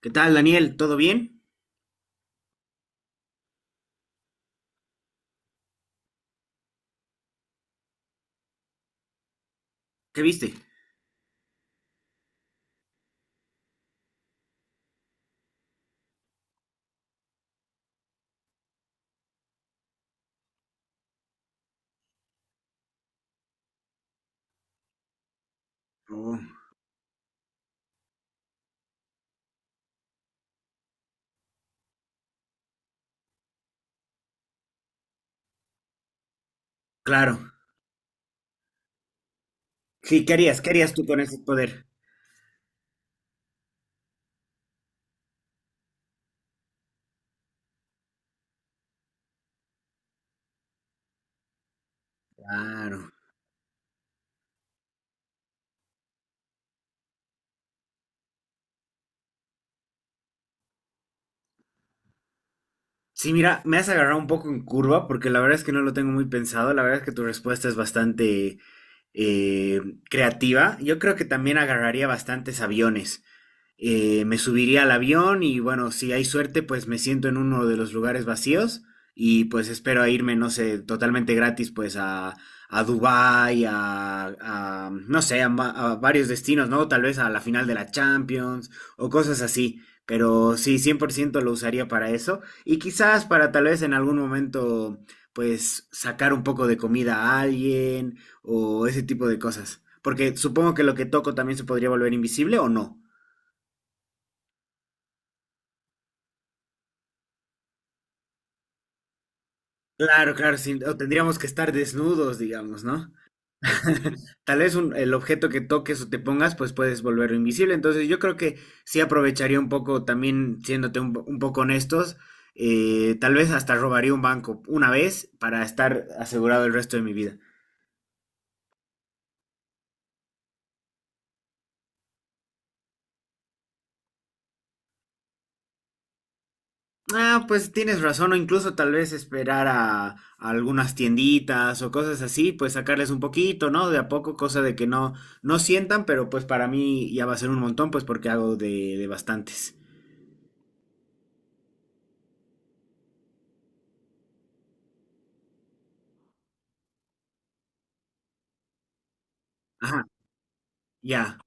¿Qué tal, Daniel? ¿Todo bien? ¿Qué viste? Oh, claro. Sí, ¿qué harías? ¿Qué harías tú con ese poder? Claro. Sí, mira, me has agarrado un poco en curva porque la verdad es que no lo tengo muy pensado. La verdad es que tu respuesta es bastante eh, creativa. Yo creo que también agarraría bastantes aviones. Me subiría al avión y bueno, si hay suerte, pues me siento en uno de los lugares vacíos y pues espero a irme, no sé, totalmente gratis, pues a Dubái, a, no sé, a varios destinos, ¿no? Tal vez a la final de la Champions o cosas así. Pero sí, 100% lo usaría para eso. Y quizás para tal vez en algún momento, pues sacar un poco de comida a alguien o ese tipo de cosas. Porque supongo que lo que toco también se podría volver invisible o no. Claro, claro, sí, o tendríamos que estar desnudos, digamos, ¿no? Tal vez el objeto que toques o te pongas, pues puedes volverlo invisible. Entonces yo creo que sí aprovecharía un poco, también siéndote un poco honestos, tal vez hasta robaría un banco una vez para estar asegurado el resto de mi vida. Ah, pues tienes razón, o incluso tal vez esperar a algunas tienditas o cosas así, pues sacarles un poquito, ¿no? De a poco, cosa de que no, no sientan, pero pues para mí ya va a ser un montón, pues porque hago de bastantes. Ajá, ya.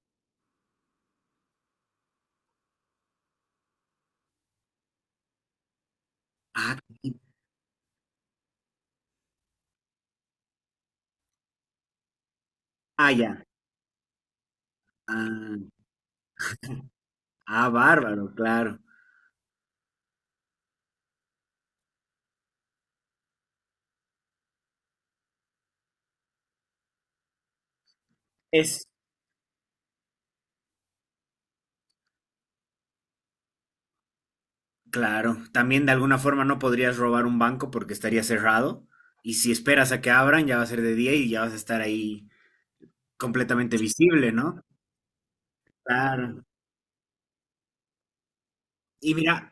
Ah, y- ah, ya. Ah, ah, bárbaro, claro. Es, claro. También de alguna forma no podrías robar un banco porque estaría cerrado. Y si esperas a que abran, ya va a ser de día y ya vas a estar ahí completamente visible, ¿no? Claro. Y mira,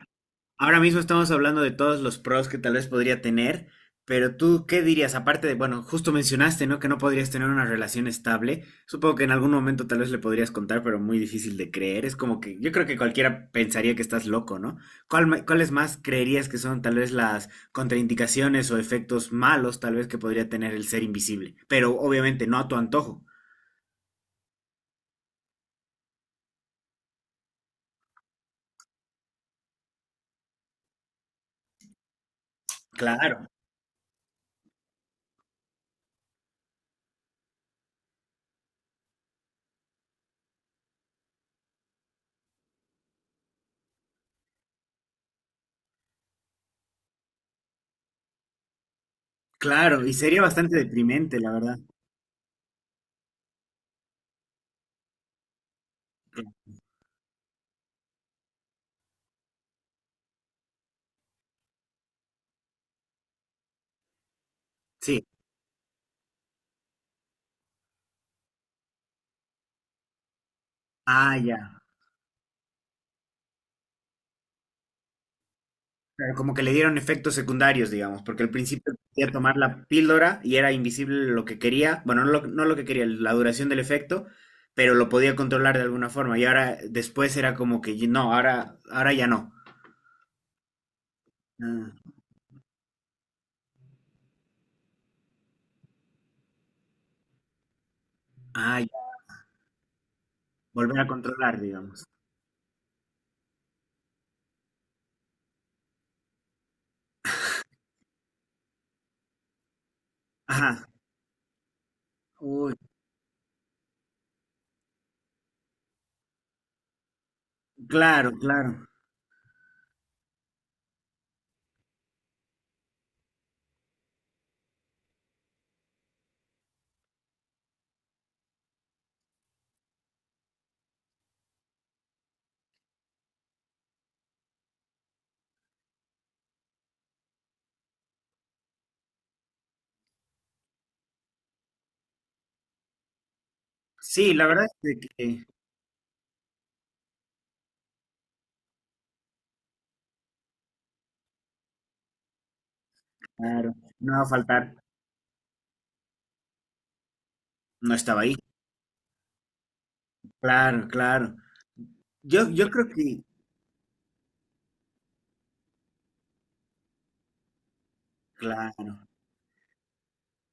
ahora mismo estamos hablando de todos los pros que tal vez podría tener, pero tú, ¿qué dirías? Aparte de, bueno, justo mencionaste, ¿no? Que no podrías tener una relación estable. Supongo que en algún momento tal vez le podrías contar, pero muy difícil de creer. Es como que yo creo que cualquiera pensaría que estás loco, ¿no? Cuáles más creerías que son tal vez las contraindicaciones o efectos malos tal vez que podría tener el ser invisible? Pero obviamente no a tu antojo. Claro, claro, y sería bastante deprimente, la verdad. Sí. Ah, ya. Claro, como que le dieron efectos secundarios, digamos, porque al principio quería tomar la píldora y era invisible lo que quería, bueno, no lo que quería, la duración del efecto, pero lo podía controlar de alguna forma. Y ahora después era como que no, ahora ya no. Ah, ah, ya, volver a controlar, digamos. Ajá. Uy, claro, claro. Sí, la verdad es de que, claro, no va a faltar. No estaba ahí. Claro, claro. Yo creo que, claro.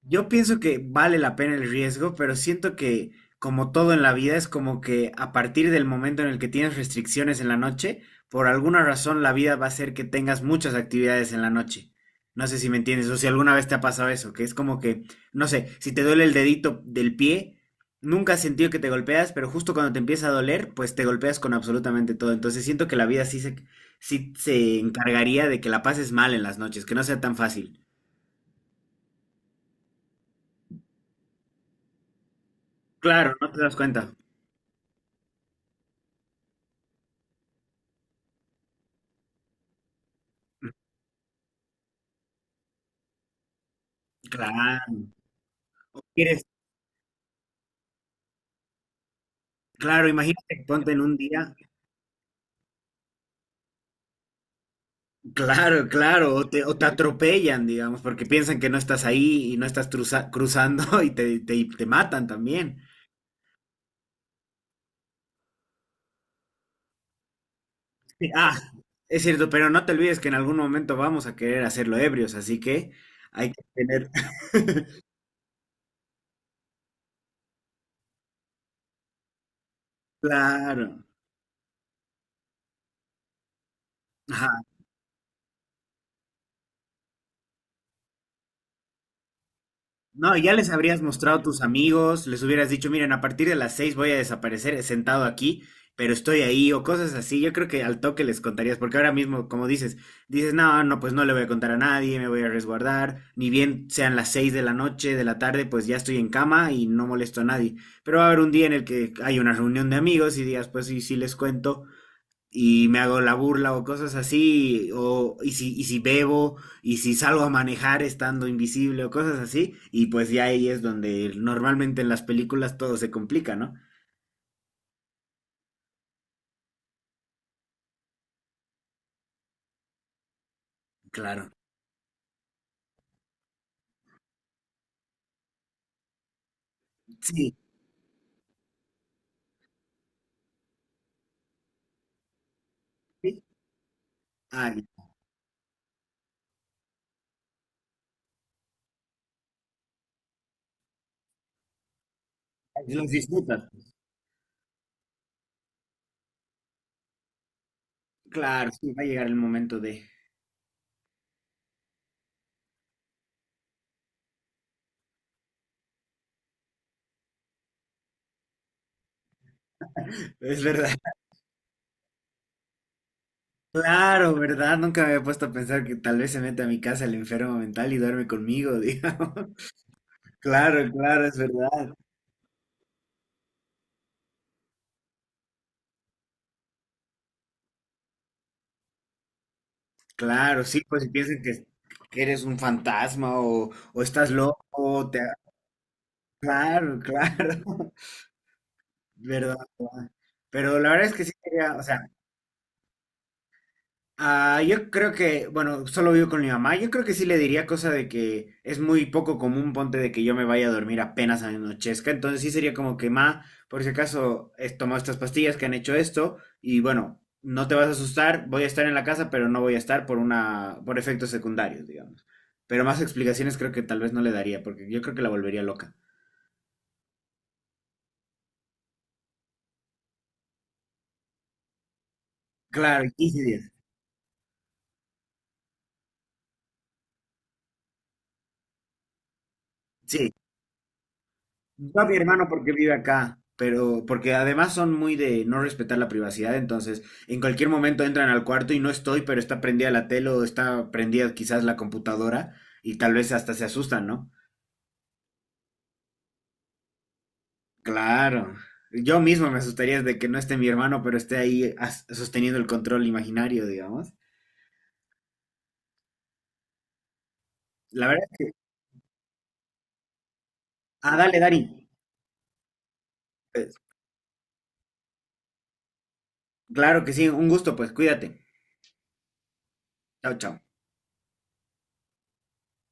Yo pienso que vale la pena el riesgo, pero siento que como todo en la vida es como que a partir del momento en el que tienes restricciones en la noche, por alguna razón la vida va a hacer que tengas muchas actividades en la noche. No sé si me entiendes o si alguna vez te ha pasado eso, que es como que, no sé, si te duele el dedito del pie, nunca has sentido que te golpeas, pero justo cuando te empieza a doler, pues te golpeas con absolutamente todo. Entonces siento que la vida sí se encargaría de que la pases mal en las noches, que no sea tan fácil. Claro, no te das cuenta. Claro, quieres, claro, imagínate, ponte en un día, claro, claro, o te atropellan, digamos, porque piensan que no estás ahí y no estás cruzando y te, te matan también. Sí, ah, es cierto, pero no te olvides que en algún momento vamos a querer hacerlo ebrios, así que hay que tener, claro, ajá, no, ya les habrías mostrado a tus amigos, les hubieras dicho, miren, a partir de las 6 voy a desaparecer sentado aquí, pero estoy ahí, o cosas así. Yo creo que al toque les contarías, porque ahora mismo, como dices, dices, no, no, pues no le voy a contar a nadie, me voy a resguardar, ni bien sean las 6 de la noche, de la tarde, pues ya estoy en cama y no molesto a nadie. Pero va a haber un día en el que hay una reunión de amigos y días, pues sí, sí les cuento, y me hago la burla o cosas así, o, y si bebo, y si salgo a manejar estando invisible o cosas así, y pues ya ahí es donde normalmente en las películas todo se complica, ¿no? Claro. Sí. Sí. Ah, los disfrutas. Claro, sí, va a llegar el momento de... Es verdad. Claro, ¿verdad? Nunca me había puesto a pensar que tal vez se mete a mi casa el enfermo mental y duerme conmigo, digamos. Claro, claro, es verdad. Claro, sí, pues si piensan que eres un fantasma o estás loco, te... Claro, claro, verdad, verdad. Pero la verdad es que sí quería, o sea, ah, yo creo que, bueno, solo vivo con mi mamá. Yo creo que sí le diría cosa de que es muy poco común, ponte de que yo me vaya a dormir apenas anochezca. Entonces sí sería como que, ma, por si acaso he tomado estas pastillas que han hecho esto y bueno, no te vas a asustar, voy a estar en la casa, pero no voy a estar por una, por efectos secundarios, digamos. Pero más explicaciones creo que tal vez no le daría, porque yo creo que la volvería loca. Claro, 15 días. Sí, yo a mi hermano porque vive acá, pero porque además son muy de no respetar la privacidad, entonces en cualquier momento entran al cuarto y no estoy, pero está prendida la tele o está prendida quizás la computadora y tal vez hasta se asustan, ¿no? Claro. Yo mismo me asustaría de que no esté mi hermano, pero esté ahí sosteniendo el control imaginario, digamos. La verdad. Ah, dale, Dari. Eh, Claro que sí, un gusto, pues cuídate. Chao, chao.